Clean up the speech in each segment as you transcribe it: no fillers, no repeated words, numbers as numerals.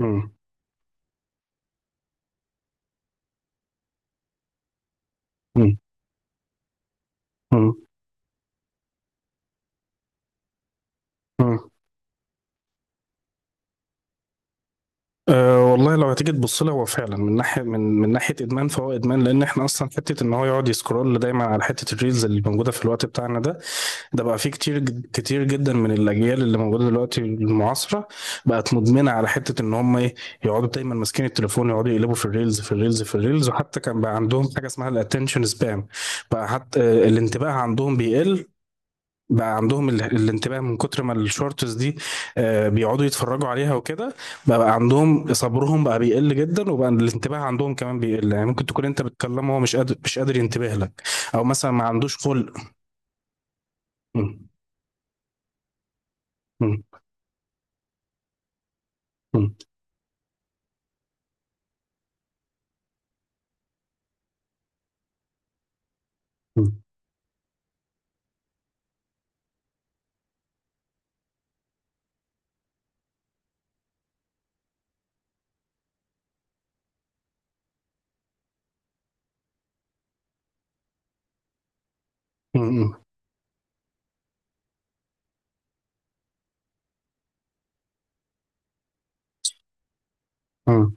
مم. مم. مم. مم. أه والله لو هتيجي تبص لها هو فعلا من ناحيه من ناحيه ادمان، فهو ادمان لان احنا اصلا حته ان هو يقعد يسكرول دايما على حته الريلز اللي موجوده في الوقت بتاعنا ده. ده بقى فيه كتير كتير جدا من الاجيال اللي موجوده دلوقتي المعاصره، بقت مدمنه على حته ان هم ايه؟ يقعدوا دايما ماسكين التليفون، يقعدوا يقلبوا في الريلز في الريلز في الريلز، وحتى كان بقى عندهم حاجه اسمها الاتنشن سبان. بقى حتى الانتباه عندهم بيقل. بقى عندهم الانتباه من كتر ما الشورتس دي بيقعدوا يتفرجوا عليها وكده. بقى عندهم صبرهم بقى بيقل جدا، وبقى الانتباه عندهم كمان بيقل. يعني ممكن تكون انت بتكلمه هو مش قادر ينتبه لك، او مثلا ما عندوش خلق. م- م- م- م- م- م-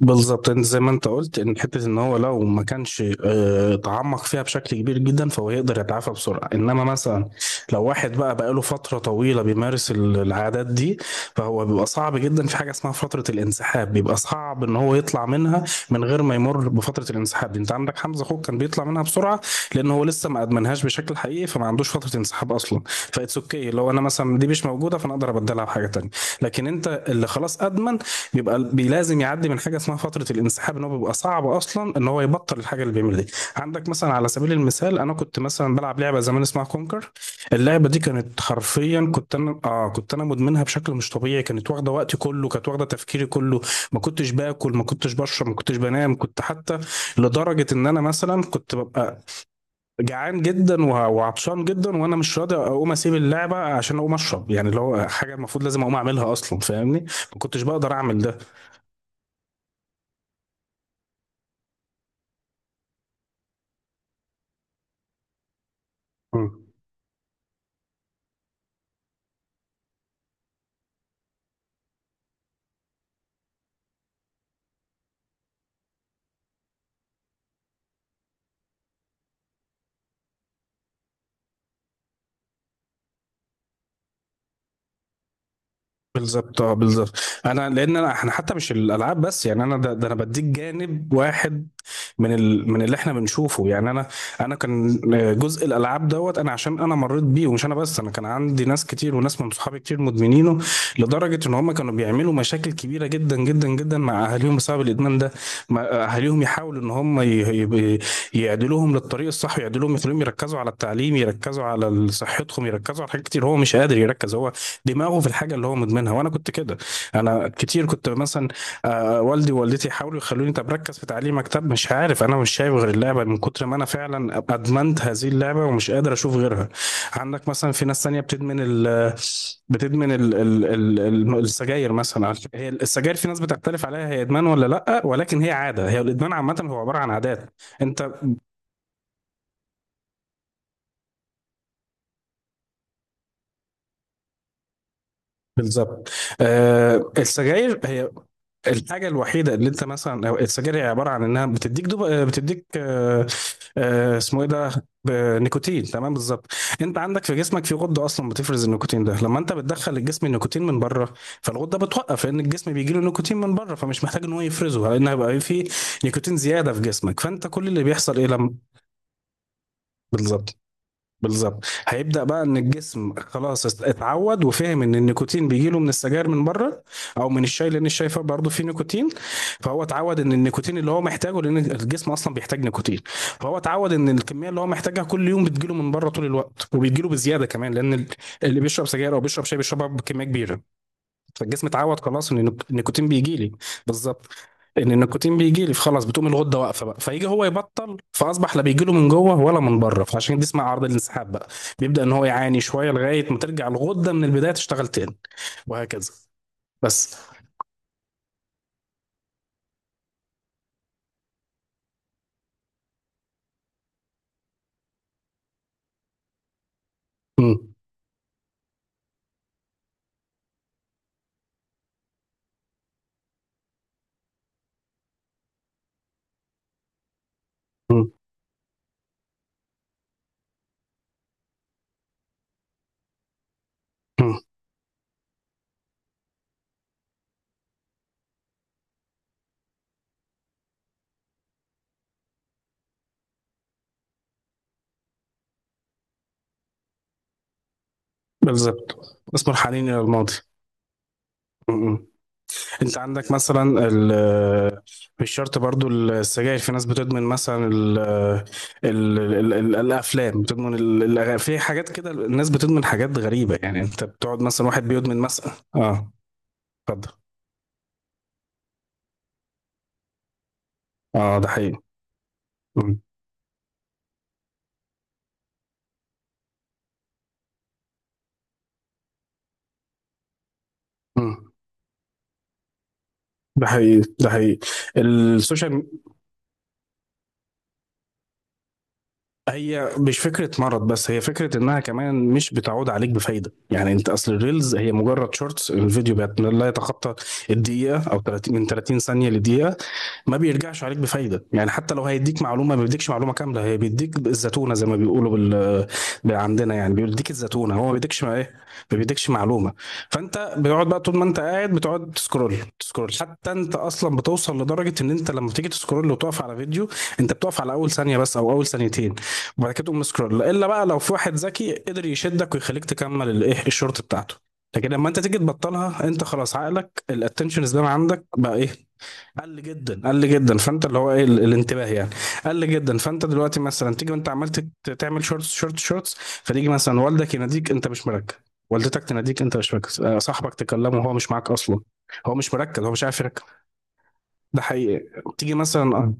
بالظبط. انت زي ما انت قلت، ان حته ان هو لو ما كانش تعمق فيها بشكل كبير جدا فهو يقدر يتعافى بسرعه، انما مثلا لو واحد بقى بقاله فتره طويله بيمارس العادات دي، فهو بيبقى صعب جدا، في حاجه اسمها فتره الانسحاب، بيبقى صعب ان هو يطلع منها من غير ما يمر بفتره الانسحاب دي. انت عندك حمزه اخوك كان بيطلع منها بسرعه لان هو لسه ما ادمنهاش بشكل حقيقي، فما عندوش فتره انسحاب اصلا. فاتس اوكي لو انا مثلا دي مش موجوده فانا اقدر ابدلها بحاجه تانيه، لكن انت اللي خلاص ادمن بيبقى لازم يعدي من حاجه اسمها فتره الانسحاب، ان هو بيبقى صعب اصلا ان هو يبطل الحاجه اللي بيعملها دي. عندك مثلا على سبيل المثال انا كنت مثلا بلعب لعبه زمان اسمها كونكر، اللعبه دي كانت حرفيا، كنت انا كنت انا مدمنها بشكل مش طبيعي، كانت واخده وقتي كله، كانت واخده تفكيري كله، ما كنتش باكل، ما كنتش بشرب، ما كنتش بنام، كنت حتى لدرجه ان انا مثلا كنت ببقى جعان جدا وعطشان جدا، وانا مش راضي اقوم اسيب اللعبه عشان اقوم اشرب، يعني اللي هو حاجه المفروض لازم اقوم اعملها اصلا، فاهمني، ما كنتش بقدر اعمل ده. مم. بالظبط، اه بالظبط. انا لان انا احنا حتى مش الالعاب بس، يعني انا ده انا بديك جانب واحد من ال من اللي احنا بنشوفه. يعني انا كان جزء الالعاب دوت، انا عشان انا مريت بيه، ومش انا بس، انا كان عندي ناس كتير وناس من صحابي كتير مدمنينه، لدرجه ان هم كانوا بيعملوا مشاكل كبيره جدا جدا جدا مع اهاليهم بسبب الادمان ده. اهاليهم يحاولوا ان هم ي- يعدلوهم للطريق الصح، يعدلوهم يخليهم يركزوا على التعليم، يركزوا على صحتهم، يركزوا على حاجات كتير. هو مش قادر يركز، هو دماغه في الحاجه اللي هو مدمنها. وانا كنت كده، انا كتير كنت مثلا والدي ووالدتي يحاولوا يخلوني، طب ركز في تعليمك، طب مش عارف، انا مش شايف غير اللعبه من كتر ما انا فعلا ادمنت هذه اللعبه ومش قادر اشوف غيرها. عندك مثلا في ناس تانية بتدمن السجاير مثلا. هي السجاير في ناس بتختلف عليها، هي ادمان ولا لا، ولكن هي عاده. هي الادمان عامه هو عباره عن عادات. انت بالظبط. آه، السجاير هي الحاجة الوحيدة اللي انت مثلا، أو السجاير هي عبارة عن انها بتديك دوب، بتديك اسمه ايه ده؟ ب- نيكوتين، تمام، بالظبط. انت عندك في جسمك في غدة اصلا بتفرز النيكوتين ده. لما انت بتدخل الجسم النيكوتين من بره، فالغدة بتوقف لان الجسم بيجي له نيكوتين من بره، فمش محتاج ان هو يفرزه لان هيبقى في نيكوتين زيادة في جسمك. فانت كل اللي بيحصل ايه لما؟ بالظبط. بالظبط هيبدأ بقى ان الجسم خلاص اتعود، وفهم ان النيكوتين بيجيله من السجاير من بره او من الشاي، لان الشاي فيه برضه فيه نيكوتين. فهو اتعود ان النيكوتين اللي هو محتاجه، لان الجسم اصلا بيحتاج نيكوتين، فهو اتعود ان الكمية اللي هو محتاجها كل يوم بتجيله من بره طول الوقت، وبيجيله بزيادة كمان، لان اللي بيشرب سجاير او بيشرب شاي بيشربها بكمية كبيرة. فالجسم اتعود خلاص ان النيكوتين بيجيلي. بالظبط، ان النيكوتين بيجي لي، فخلاص بتقوم الغده واقفه بقى. فيجي هو يبطل، فاصبح لا بيجي له من جوه ولا من بره، فعشان كده اسمها عرض الانسحاب بقى. بيبدا ان هو يعاني شويه لغايه ما ترجع الغده من البدايه تشتغل تاني، وهكذا. بس م- م- م. بالظبط، اسمه الحنين الى الماضي. م. انت عندك مثلا مش شرط برضو السجاير، في ناس بتدمن مثلا ال آه، ال ال ال الافلام، بتدمن في حاجات كده الناس بتدمن حاجات غريبة. يعني انت بتقعد مثلا، واحد بيدمن مثلا اه. اتفضل. اه ده حقيقي. مم. مم. ده حقيقي، ده حقيقي. السوشيال م- هي مش فكرة مرض، بس هي فكرة انها كمان مش بتعود عليك بفايدة. يعني انت اصل الريلز هي مجرد شورتس، الفيديو لا يتخطى الدقيقة، او 30 من 30 ثانية لدقيقة. ما بيرجعش عليك بفايده، يعني حتى لو هيديك معلومه، ما بيديكش معلومه كامله، هي بيديك الزتونه زي ما بيقولوا بال، عندنا، يعني بيديك الزتونه، هو ما بيديكش، ما ايه، ما بيديكش معلومه. فانت بتقعد بقى، طول ما انت قاعد بتقعد تسكرول تسكرول، حتى انت اصلا بتوصل لدرجه ان انت لما تيجي تسكرول وتقف على فيديو، انت بتقف على اول ثانيه بس او اول ثانيتين، وبعد كده تقوم سكرول. الا بقى لو في واحد ذكي قدر يشدك ويخليك تكمل الايه، الشورت بتاعته. لكن لما انت تيجي تبطلها، انت خلاص عقلك الاتنشن سبان عندك بقى ايه؟ قل جدا، قل جدا. فانت اللي هو ايه، الانتباه يعني قل جدا. فانت دلوقتي مثلا تيجي وانت عمال تعمل شورتس شورتس شورتس، فتيجي مثلا والدك يناديك انت مش مركز، والدتك تناديك انت مش مركز، صاحبك تكلمه وهو مش معاك اصلا. هو مش مركز، هو مش عارف يركز. ده حقيقي. تيجي مثلا،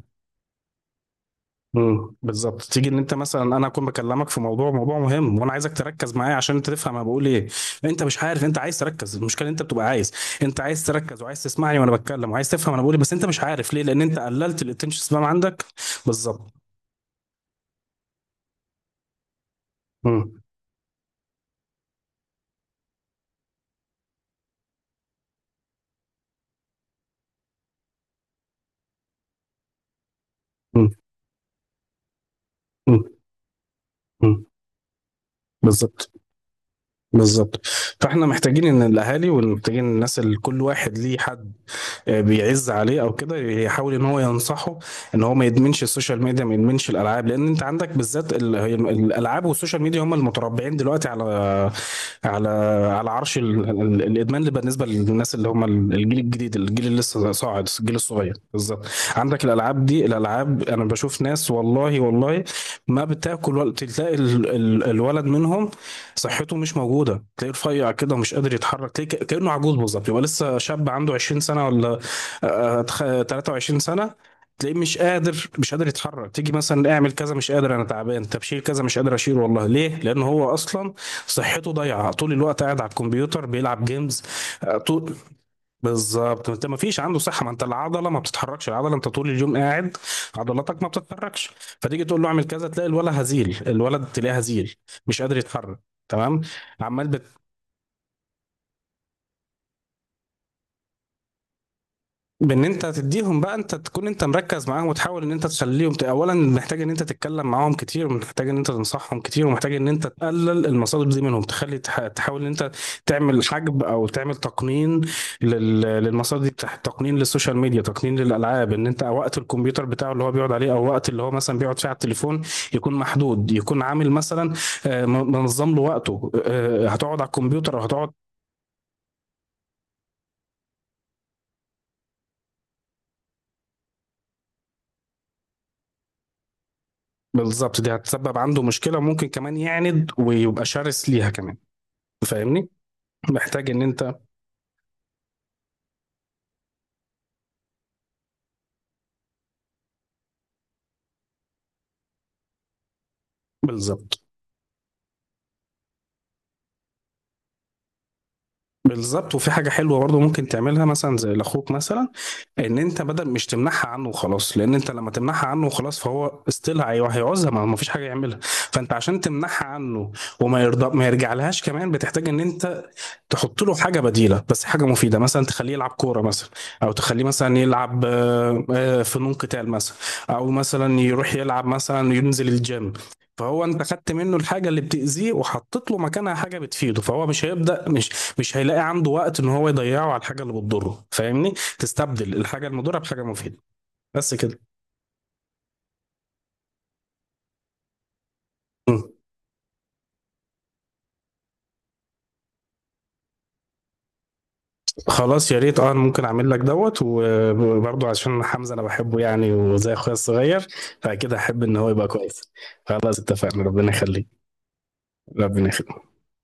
بالظبط، تيجي ان انت مثلا انا اكون بكلمك في موضوع، موضوع مهم، وانا عايزك تركز معايا عشان انت تفهم انا بقول ايه. انت مش عارف، انت عايز تركز، المشكله إن انت بتبقى عايز، انت عايز تركز وعايز تسمعني وانا بتكلم، وعايز تفهم انا بقول ايه، بس انت مش عارف ليه، لان انت قللت الاتنشن سبان عندك. بالظبط. امم امم امم. بالظبط، بالظبط. فاحنا محتاجين ان الاهالي، ومحتاجين الناس اللي كل واحد ليه حد بيعز عليه او كده، يحاول ان هو ينصحه ان هو ما يدمنش السوشيال ميديا، ما يدمنش الالعاب. لان انت عندك بالذات الالعاب والسوشيال ميديا هم المتربعين دلوقتي على على عرش الادمان، اللي بالنسبه للناس اللي هم الجيل الجديد، الجيل اللي لسه صاعد، الجيل الصغير بالظبط. عندك الالعاب دي، الالعاب انا بشوف ناس، والله والله ما بتاكل، ولا تلاقي الولد منهم صحته مش موجوده، تلاقيه رفيع كده ومش قادر يتحرك، تلاقيه كانه عجوز بالظبط، يبقى لسه شاب عنده 20 سنه ولا 23 سنه، تلاقيه مش قادر يتحرك. تيجي مثلا اعمل كذا، مش قادر انا تعبان، طب شيل كذا، مش قادر اشيل والله. ليه؟ لان هو اصلا صحته ضايعه، طول الوقت قاعد على الكمبيوتر بيلعب جيمز. بالظبط، انت ما فيش عنده صحه، ما انت العضله ما بتتحركش، العضله انت طول اليوم قاعد، عضلاتك ما بتتحركش، فتيجي تقول له اعمل كذا، تلاقي الولد هزيل، الولد تلاقيه هزيل مش قادر يتحرك. تمام. عمال بان انت تديهم بقى، انت تكون انت مركز معاهم وتحاول ان انت تخليهم اولا محتاج ان انت تتكلم معاهم كتير، ومحتاج ان انت تنصحهم كتير، ومحتاج ان انت تقلل المصادر دي منهم، تخلي تحاول ان انت تعمل حجب او تعمل تقنين للمصادر دي تقنين للسوشيال ميديا، تقنين للالعاب، ان انت وقت الكمبيوتر بتاعه اللي هو بيقعد عليه، او وقت اللي هو مثلا بيقعد فيه على التليفون يكون محدود، يكون عامل مثلا منظم له وقته، هتقعد على الكمبيوتر او هتقعد. بالظبط، دي هتسبب عنده مشكلة، ممكن كمان يعند ويبقى شرس ليها كمان. فاهمني، محتاج ان انت، بالظبط، بالظبط. وفي حاجة حلوة برضه ممكن تعملها مثلا زي لاخوك مثلا، ان انت بدل مش تمنعها عنه وخلاص، لان انت لما تمنعها عنه وخلاص فهو استيل هيعوزها، ما فيش حاجة يعملها. فانت عشان تمنعها عنه وما يرضى ما يرجع لهاش كمان، بتحتاج ان انت تحط له حاجه بديله، بس حاجه مفيده. مثلا تخليه يلعب كوره مثلا، او تخليه مثلا يلعب فنون قتال مثلا، او مثلا يروح يلعب مثلا ينزل الجيم. فهو انت خدت منه الحاجه اللي بتاذيه وحطيت له مكانها حاجه بتفيده، فهو مش هيبدا مش مش هيلاقي عنده وقت ان هو يضيعه على الحاجه اللي بتضره، فاهمني. تستبدل الحاجه المضره بحاجه مفيده. بس كده. خلاص يا ريت، اه انا ممكن اعمل لك دوت، وبرضه عشان حمزة، انا بحبه يعني وزي اخويا الصغير، فاكيد هحب ان هو يبقى كويس. خلاص اتفقنا، ربنا يخليك. ربنا يخليك.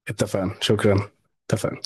اتفقنا، شكرا. اتفقنا.